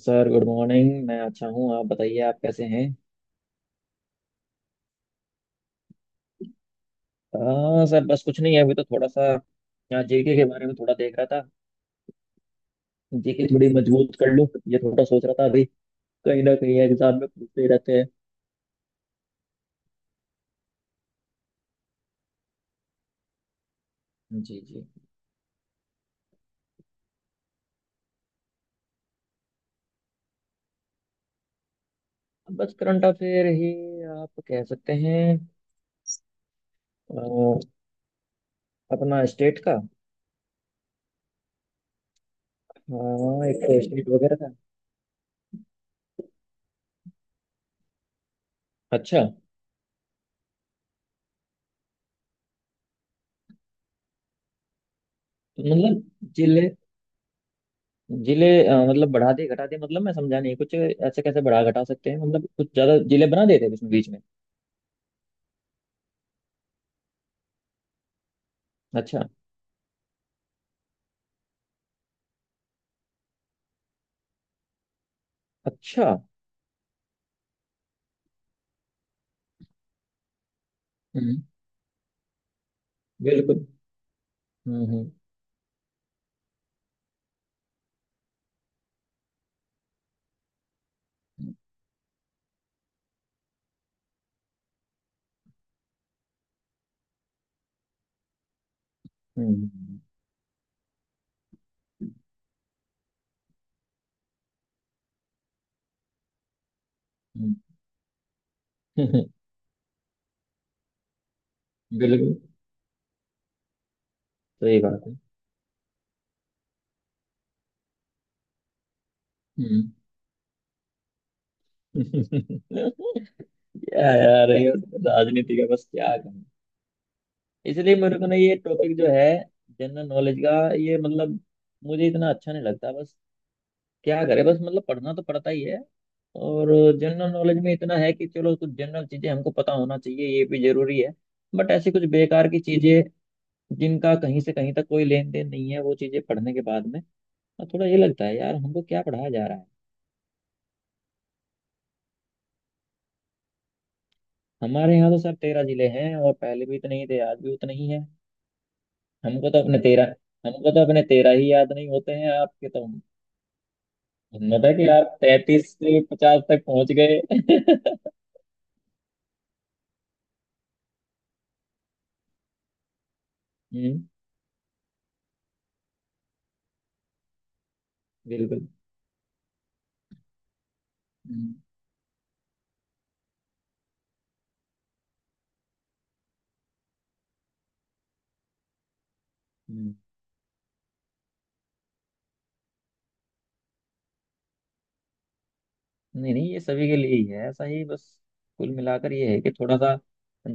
Sir good morning. मैं अच्छा हूँ, आप बताइए, आप कैसे हैं? हाँ सर, बस कुछ नहीं है, अभी तो थोड़ा सा यहाँ जीके के बारे में थोड़ा देख रहा था। जीके थोड़ी मजबूत कर लूँ, ये थोड़ा सोच रहा था अभी। कहीं ना कहीं एग्जाम में पूछते ही रहते हैं। जी जी। बस करंट अफेयर ही आप कह सकते हैं। अ, अपना स्टेट का। हाँ, एक तो स्टेट वगैरह का। अच्छा। मतलब जिले, जिले मतलब बढ़ा दिए घटा दिए, मतलब मैं समझा नहीं, कुछ ऐसे कैसे बढ़ा घटा सकते हैं? मतलब कुछ ज्यादा जिले बना देते हैं बीच में बीच में। अच्छा अच्छा। हम्म, बिल्कुल। हम्म। हम्म। हम्म, बिल्कुल, सही बात है। हम्म। क्या यार ये राजनीति का बस क्या कहूँ। इसलिए मेरे को ना ये टॉपिक जो है, जनरल नॉलेज का ये, मतलब मुझे इतना अच्छा नहीं लगता। बस क्या करे, बस मतलब पढ़ना तो पड़ता ही है। और जनरल नॉलेज में इतना है कि चलो कुछ जनरल चीजें हमको पता होना चाहिए, ये भी जरूरी है। बट ऐसी कुछ बेकार की चीजें जिनका कहीं से कहीं तक कोई लेन देन नहीं है, वो चीजें पढ़ने के बाद में और थोड़ा ये लगता है यार हमको क्या पढ़ाया जा रहा है। हमारे यहाँ तो सर 13 जिले हैं, और पहले भी इतने ही थे, आज भी उतने ही हैं। हमको तो अपने 13, हमको तो अपने तेरह ही याद नहीं होते हैं, आपके तो हिम्मत है कि आप 33 से 50 तक पहुंच गए। हम्म, बिल्कुल। हम्म। हम्म। नहीं नहीं, ये सभी के लिए ही है ऐसा ही। बस कुल मिलाकर ये है कि थोड़ा सा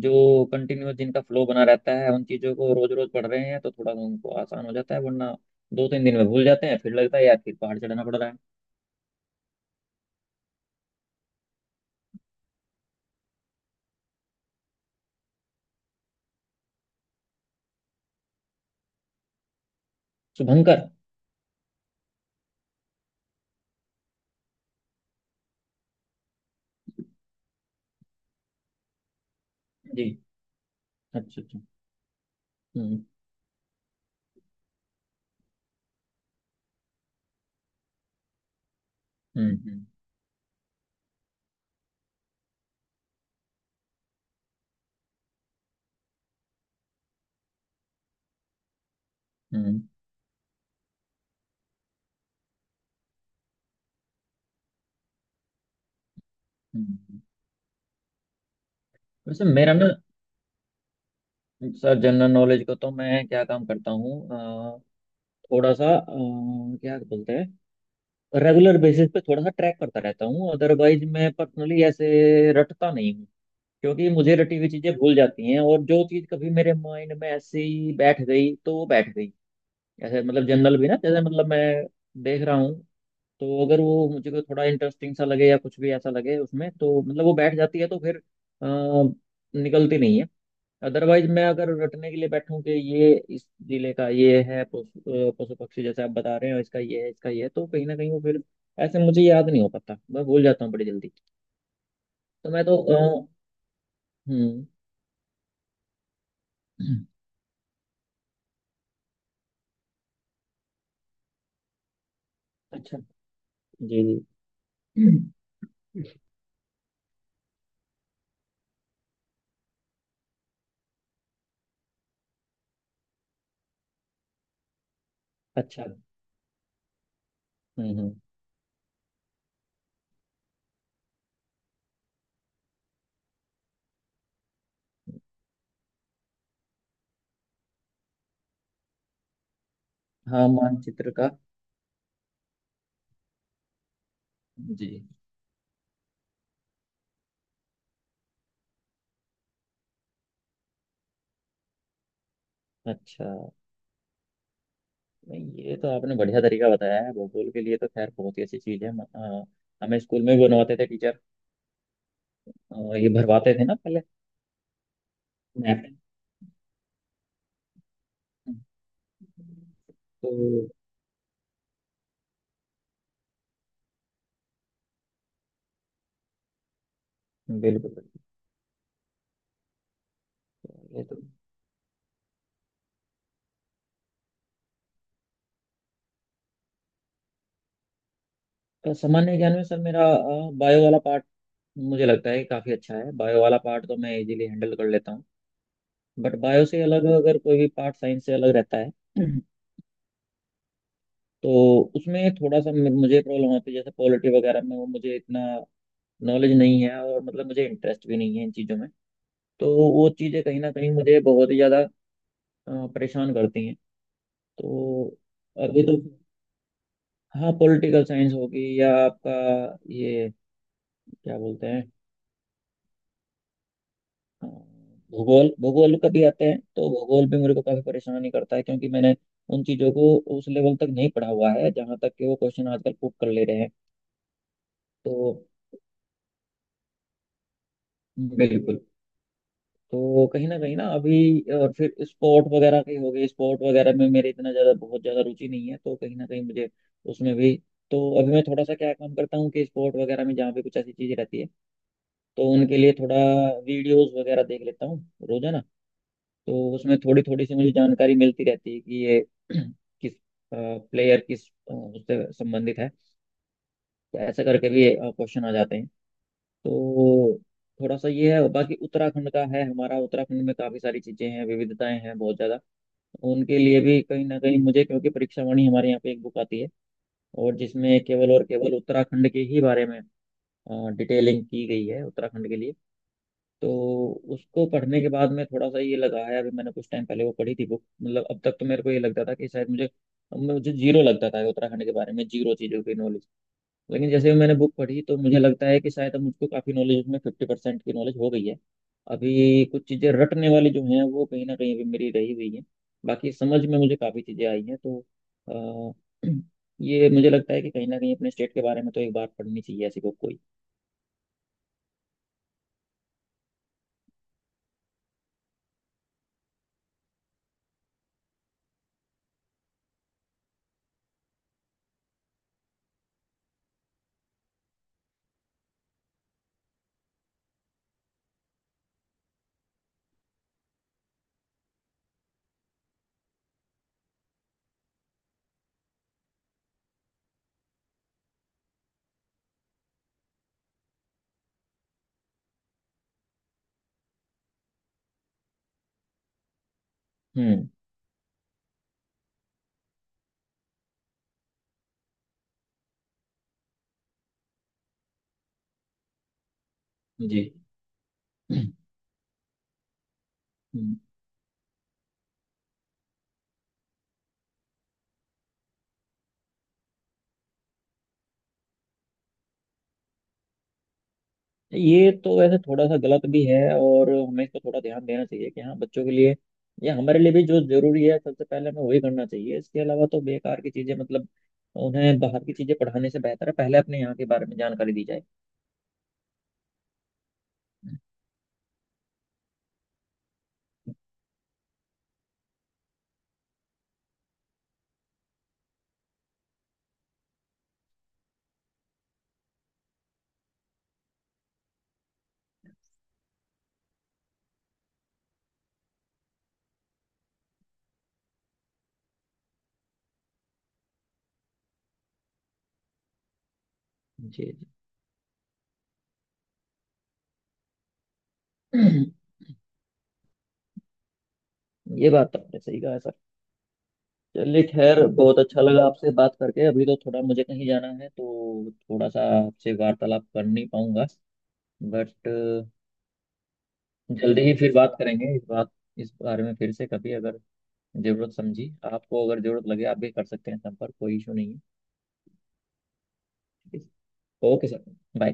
जो कंटिन्यूस जिनका फ्लो बना रहता है, उन चीज़ों को रोज रोज पढ़ रहे हैं तो थोड़ा सा उनको आसान हो जाता है, वरना दो तीन दिन में भूल जाते हैं, फिर लगता है यार फिर पहाड़ चढ़ना पड़ रहा है। शुभंकर। जी। अच्छा अच्छा। हम्म। हम्म। हम्म। हम्म। हम्म। वैसे मेरा ना, सर जनरल नॉलेज को तो मैं क्या काम करता हूँ, अ, थोड़ा सा, क्या बोलते हैं, रेगुलर बेसिस पे थोड़ा सा ट्रैक करता रहता हूँ। अदरवाइज मैं पर्सनली ऐसे रटता नहीं हूँ, क्योंकि मुझे रटी हुई चीजें भूल जाती हैं, और जो चीज कभी मेरे माइंड में ऐसे ही बैठ गई तो वो बैठ गई। ऐसे मतलब जनरल भी ना, जैसे मतलब मैं देख रहा हूँ, तो अगर वो मुझे को थोड़ा इंटरेस्टिंग सा लगे या कुछ भी ऐसा लगे उसमें, तो मतलब वो बैठ जाती है, तो फिर अ, निकलती नहीं है। अदरवाइज मैं अगर रटने के लिए बैठूं कि ये इस जिले का ये है पशु, पशु पक्षी, जैसे आप बता रहे हो इसका ये है इसका ये है, तो कहीं ना कहीं वो फिर ऐसे मुझे याद नहीं हो पाता, मैं भूल जाता हूँ बड़ी जल्दी। तो मैं तो अ, हम्म। अच्छा। जी जी। अच्छा। हम्म। हम्म। हाँ मानचित्र का। जी। अच्छा, नहीं ये तो आपने बढ़िया तरीका बताया है भूगोल के लिए, तो खैर बहुत ही अच्छी चीज है। हमें स्कूल में भी बनवाते थे टीचर, ये भरवाते थे ना पहले। मैप तो बिल्कुल बिल्कुल ये। तो सामान्य ज्ञान में सर मेरा बायो वाला पार्ट मुझे लगता है काफ़ी अच्छा है, बायो वाला पार्ट तो मैं इजीली हैंडल कर लेता हूँ। बट बायो से अलग अगर कोई भी पार्ट साइंस से अलग रहता है, तो उसमें थोड़ा सा मुझे प्रॉब्लम होती है, जैसे पॉलिटी वगैरह में, वो मुझे इतना नॉलेज नहीं है और मतलब मुझे इंटरेस्ट भी नहीं है इन चीज़ों में, तो वो चीज़ें कहीं ना कहीं मुझे बहुत ही ज़्यादा परेशान करती हैं। तो अभी तो, हाँ पॉलिटिकल साइंस होगी या आपका ये, क्या बोलते हैं, अ, भूगोल, भूगोल कभी आते हैं तो भूगोल भी मेरे को काफ़ी परेशान ही करता है, क्योंकि मैंने उन चीज़ों को उस लेवल तक नहीं पढ़ा हुआ है जहाँ तक कि वो क्वेश्चन आजकल पुट कर ले रहे हैं। तो बिल्कुल। तो कहीं ना अभी, फिर स्पोर्ट वगैरह के हो गए, स्पोर्ट वगैरह में मेरे इतना ज़्यादा बहुत ज़्यादा रुचि नहीं है, तो कहीं ना कहीं मुझे उसमें भी। तो अभी मैं थोड़ा सा क्या काम करता हूँ कि स्पोर्ट वगैरह में जहाँ पे कुछ ऐसी चीज़ें रहती है, तो उनके लिए थोड़ा वीडियोस वगैरह देख लेता हूँ रोजाना, तो उसमें थोड़ी थोड़ी सी मुझे जानकारी मिलती रहती है कि ये किस प्लेयर किस उससे संबंधित है, तो ऐसा करके भी क्वेश्चन आ जाते हैं। तो थोड़ा सा ये है, बाकी उत्तराखंड का है हमारा। उत्तराखंड में काफी सारी चीजें हैं, विविधताएं हैं बहुत ज्यादा, उनके लिए भी कहीं ना कहीं मुझे, क्योंकि परीक्षा वाणी हमारे यहाँ पे एक बुक आती है और जिसमें केवल और केवल उत्तराखंड के ही बारे में डिटेलिंग की गई है, उत्तराखंड के लिए। तो उसको पढ़ने के बाद में थोड़ा सा ये लगा है, अभी मैंने कुछ टाइम पहले वो पढ़ी थी बुक, मतलब अब तक तो मेरे को ये लगता था कि शायद मुझे, मुझे जीरो लगता था उत्तराखंड के बारे में, जीरो चीजों की नॉलेज। लेकिन जैसे मैंने बुक पढ़ी तो मुझे लगता है कि शायद अब मुझको काफ़ी नॉलेज, उसमें 50% की नॉलेज हो गई है। अभी कुछ चीज़ें रटने वाली जो हैं वो कहीं ना कहीं अभी मेरी रही हुई हैं, बाकी समझ में मुझे काफ़ी चीज़ें आई हैं। तो अ, ये मुझे लगता है कि कहीं ना कहीं अपने स्टेट के बारे में तो एक बार पढ़नी चाहिए ऐसी बुक कोई। हम्म। जी। हम्म। ये तो वैसे थोड़ा सा गलत भी है, और हमें इस पर थोड़ा ध्यान देना चाहिए कि हाँ बच्चों के लिए या हमारे लिए भी जो जरूरी है सबसे पहले हमें वही करना चाहिए। इसके अलावा तो बेकार की चीजें, मतलब उन्हें बाहर की चीजें पढ़ाने से बेहतर है पहले अपने यहाँ के बारे में जानकारी दी जाए। जी जी, ये बात तो आपने सही कहा है सर। चलिए खैर बहुत अच्छा लगा आपसे बात करके, अभी तो थोड़ा मुझे कहीं जाना है, तो थोड़ा सा आपसे वार्तालाप कर नहीं पाऊंगा, बट जल्दी ही फिर बात करेंगे इस बात, इस बारे में फिर से कभी, अगर जरूरत समझी आपको, अगर जरूरत लगे आप भी कर सकते हैं संपर्क, कोई इशू नहीं है। ठीक है, ओके सर, बाय।